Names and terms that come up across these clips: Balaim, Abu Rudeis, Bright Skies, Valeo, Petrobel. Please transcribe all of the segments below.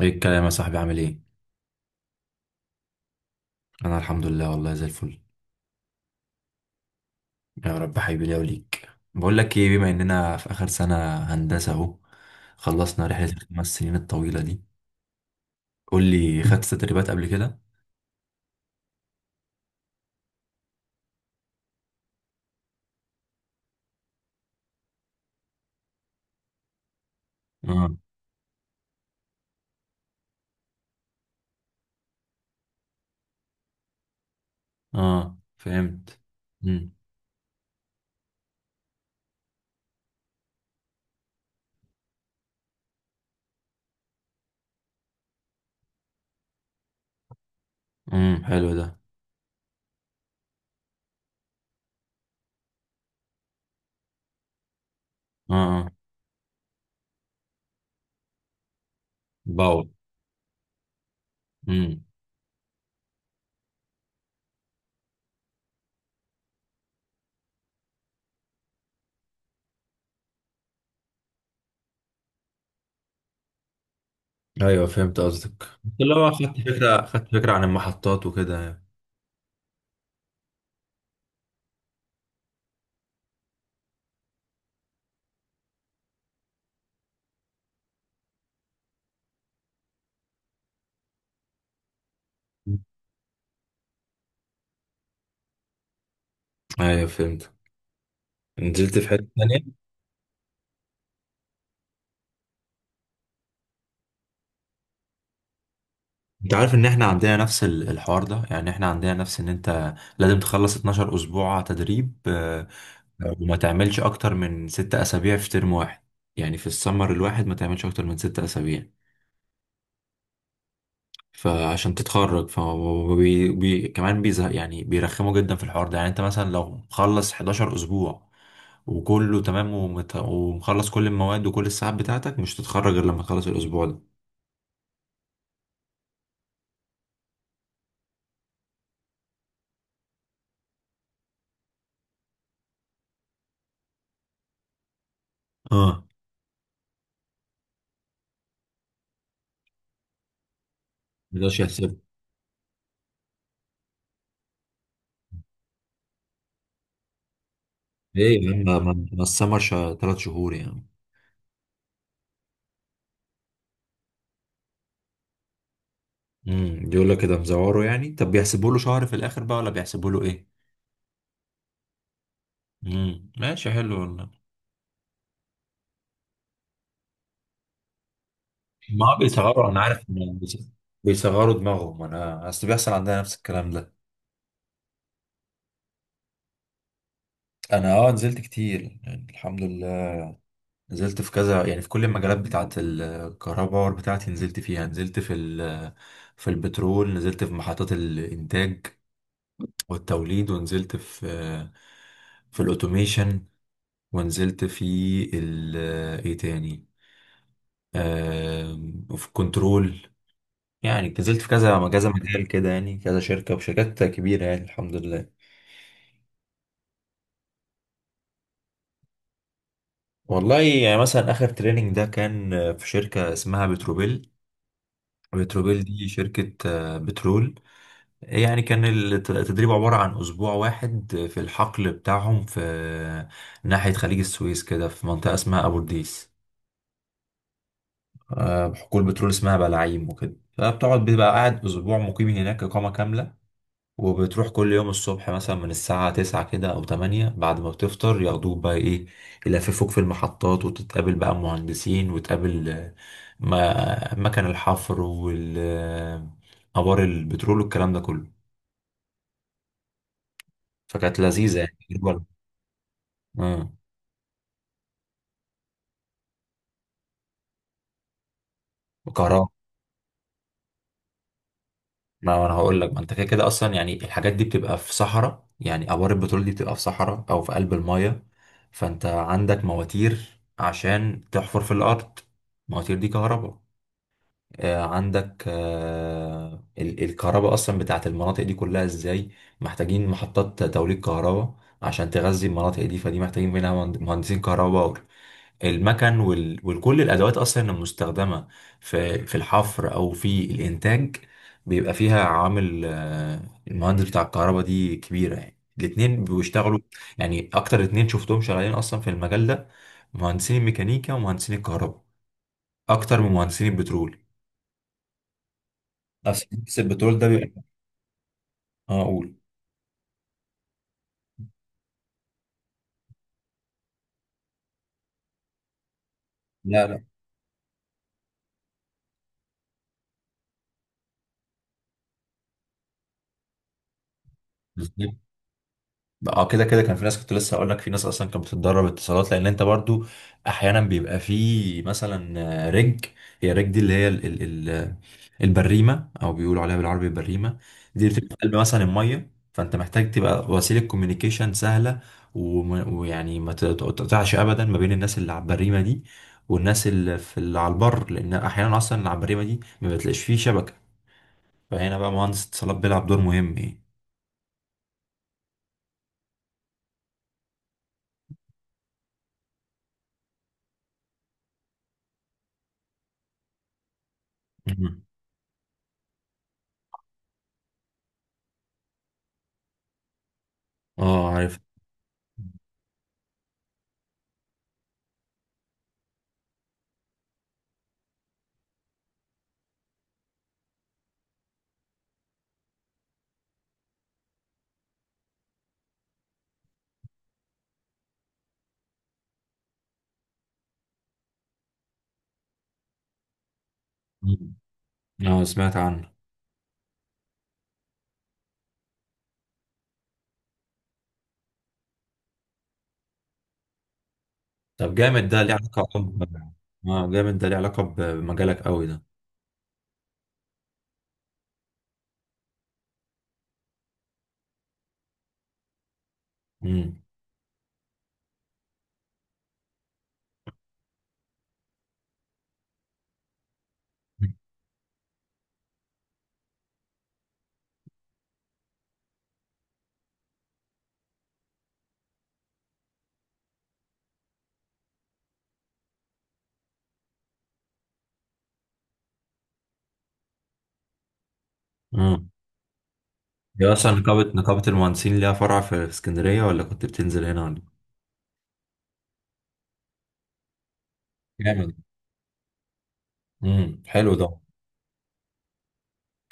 ايه الكلام يا صاحبي؟ عامل ايه؟ انا الحمد لله والله، زي الفل. يا رب حبيبي ليا وليك. بقول لك ايه، بما اننا في اخر سنه هندسه اهو، خلصنا رحله الخمس سنين الطويله دي. قول لي، خدت تدريبات قبل كده؟ اه اه، فهمت. امم. حلو ده. اه اه. باور. امم ايوه، فهمت قصدك، بس اللي هو خدت فكره خدت فكره عن المحطات وكده يعني. ايوه فهمت. نزلت في حته. انت عارف ان احنا عندنا نفس الحوار ده، يعني احنا عندنا نفس ان انت لازم تخلص 12 اسبوع تدريب، وما تعملش اكتر من 6 اسابيع في ترم واحد، يعني في السمر الواحد ما تعملش اكتر من ست اسابيع. فعشان تتخرج، كمان بيزهق يعني، بيرخموا جدا في الحوار ده. يعني انت مثلا لو مخلص 11 اسبوع وكله تمام، ومخلص كل المواد وكل الساعات بتاعتك، مش تتخرج غير لما تخلص الاسبوع ده. اه، مقدرش يحسب. ايه يا عم، ما السمر 3 شهور يعني. يقول لك كده مزوره يعني. طب بيحسبوا له شهر في الاخر بقى، ولا بيحسبوا له ايه؟ امم، ماشي حلو والله. ما هو بيصغروا، انا عارف إن بيصغروا دماغهم، انا اصل بيحصل عندنا نفس الكلام ده. انا نزلت كتير يعني، الحمد لله. نزلت في كذا، يعني في كل المجالات بتاعه الكهرباء. باور بتاعتي نزلت فيها، نزلت في في البترول، نزلت في محطات الانتاج والتوليد، ونزلت في الاوتوميشن، ونزلت في ال- ايه تاني آم، وفي الكنترول. يعني نزلت في كذا كذا مجال كده يعني، كذا شركة وشركات كبيرة، يعني الحمد لله. والله يعني مثلا آخر تريننج ده كان، في شركة اسمها بتروبيل. بتروبيل دي شركة بترول يعني. كان التدريب عبارة عن أسبوع واحد في الحقل بتاعهم، في ناحية خليج السويس كده، في منطقة اسمها أبو رديس. حقول بترول اسمها بلاعيم وكده. فبتقعد، بيبقى قاعد أسبوع مقيم هناك إقامة كاملة. وبتروح كل يوم الصبح مثلا من الساعة تسعة كده أو تمانية، بعد ما بتفطر ياخدوك بقى إيه، يلففوك في المحطات، وتتقابل بقى مهندسين، وتقابل ما مكن الحفر والأبار البترول والكلام ده كله. فكانت لذيذة يعني تجربة. آه، وكهرباء. ما أنا هقول لك، ما أنت كده كده أصلا يعني. الحاجات دي بتبقى في صحراء، يعني أبار البترول دي بتبقى في صحراء أو في قلب المايه. فأنت عندك مواتير عشان تحفر في الأرض، المواتير دي كهرباء. عندك الكهرباء اصلا بتاعت المناطق دي كلها ازاي، محتاجين محطات توليد كهرباء عشان تغذي المناطق دي. فدي محتاجين منها مهندسين كهرباء باور. المكن وكل الادوات اصلا المستخدمه في الحفر او في الانتاج، بيبقى فيها عامل. المهندس بتاع الكهرباء دي كبيره يعني. الاتنين بيشتغلوا، يعني اكتر اتنين شفتهم شغالين اصلا في المجال ده مهندسين الميكانيكا ومهندسين الكهرباء، اكتر من مهندسين البترول. اصل بس البترول ده بيبقى. اه اقول، لا لا، بالظبط. اه، كده كده كان في ناس، كنت لسه هقول لك في ناس اصلا كانت بتتدرب اتصالات، لان انت برضو احيانا بيبقى في مثلا آه، رج هي الرج دي اللي هي ال ال ال البريمه، او بيقولوا عليها بالعربي البريمه. دي بتبقى في قلب مثلا الميه، فانت محتاج تبقى وسيله كوميونيكيشن سهله، ويعني ما تقطعش ابدا ما بين الناس اللي على البريمه دي، والناس اللي على البر. لان احيانا اصلا اللي على البريمه دي ما بتلاقيش فيه شبكه، فهنا بقى مهندس اتصالات بيلعب دور مهم يعني. مم. اه، عارف. مم. اه، سمعت عنه. طب جامد، ده ليه علاقة ب-. اه جامد، ده ليه علاقة بمجالك قوي ده. امم اه، هي اصلا نقابة المهندسين ليها فرع في اسكندرية، ولا كنت بتنزل هنا، ولا؟ جامد. امم، حلو ده.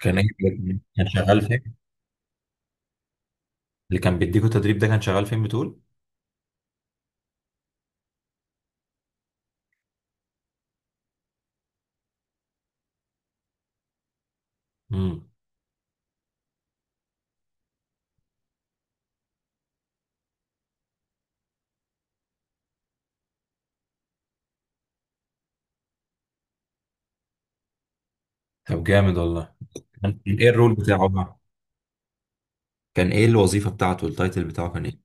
كان ايه؟ كان شغال فين؟ اللي كان بيديكوا تدريب ده كان شغال فين، بتقول؟ امم، طب جامد والله. كان ايه الرول بتاعه بقى؟ كان ايه الوظيفة بتاعته، التايتل بتاعه كان ايه؟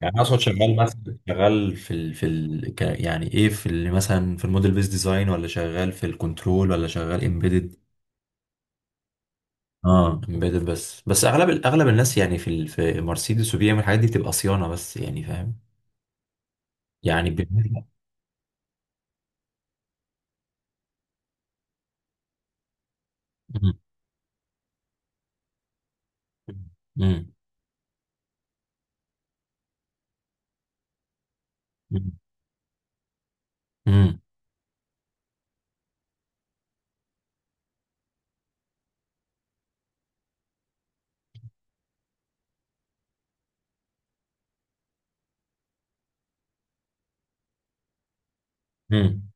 يعني أنا اقصد شغال مثلا، شغال يعني ايه، مثلا في الموديل بيس ديزاين، ولا شغال في الكنترول، ولا شغال امبيدد. اه امبيدد، بس اغلب الناس يعني في مرسيدس وبي ام، الحاجات دي بتبقى صيانه بس يعني، فاهم؟ يعني بالنسبه. مم. مم. مم. مم. مم.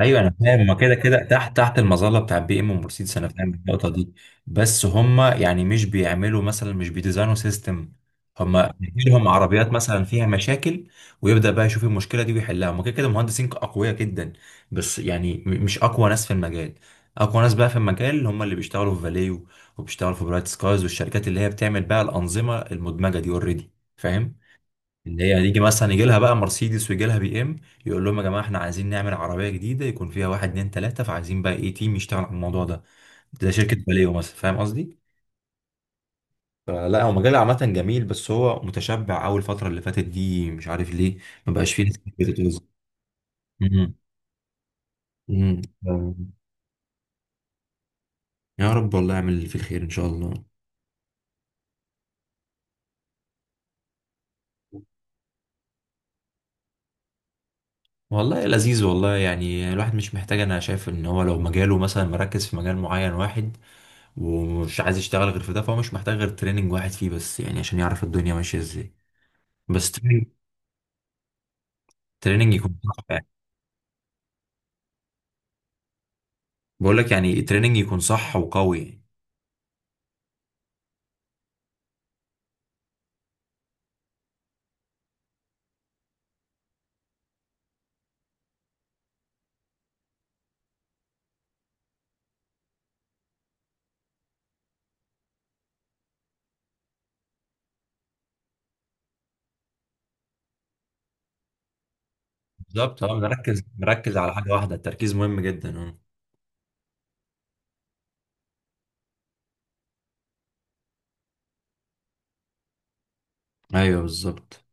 ايوه، انا فاهم، هما كده كده تحت المظله بتاع بي ام ومرسيدس، انا فاهم النقطه دي. بس هما يعني مش بيعملوا مثلا، مش بيديزاينوا سيستم. هما بيجيلهم عربيات مثلا فيها مشاكل، ويبدا بقى يشوف المشكله دي ويحلها. هما كده كده مهندسين اقوياء جدا، بس يعني مش اقوى ناس في المجال. اقوى ناس بقى في المجال هما اللي بيشتغلوا في فاليو وبيشتغلوا في برايت سكايز، والشركات اللي هي بتعمل بقى الانظمه المدمجه دي اوريدي، فاهم؟ اللي هي هتيجي مثلا يجي لها بقى مرسيدس، ويجي لها بي ام، يقول لهم يا جماعه احنا عايزين نعمل عربيه جديده يكون فيها واحد اتنين تلاته، فعايزين بقى ايه، تيم يشتغل على الموضوع ده، زي شركه باليو مثلا، فاهم قصدي؟ فلا هو مجال عامه جميل، بس هو متشبع اول الفتره اللي فاتت دي، مش عارف ليه ما بقاش فيه ناس كتير بتتوظف. مم. مم. يا رب والله، اعمل اللي فيه الخير ان شاء الله. والله لذيذ والله، يعني الواحد مش محتاج. انا شايف ان هو لو مجاله مثلا مركز في مجال معين واحد، ومش عايز يشتغل غير في ده، فهو مش محتاج غير تريننج واحد فيه بس، يعني عشان يعرف الدنيا ماشية ازاي. بس تريننج، تريننج يكون صح يعني. بقول لك يعني تريننج يكون صح وقوي. بالظبط اه، مركز مركز على حاجة واحدة، التركيز مهم جدا اه. ايوه بالظبط.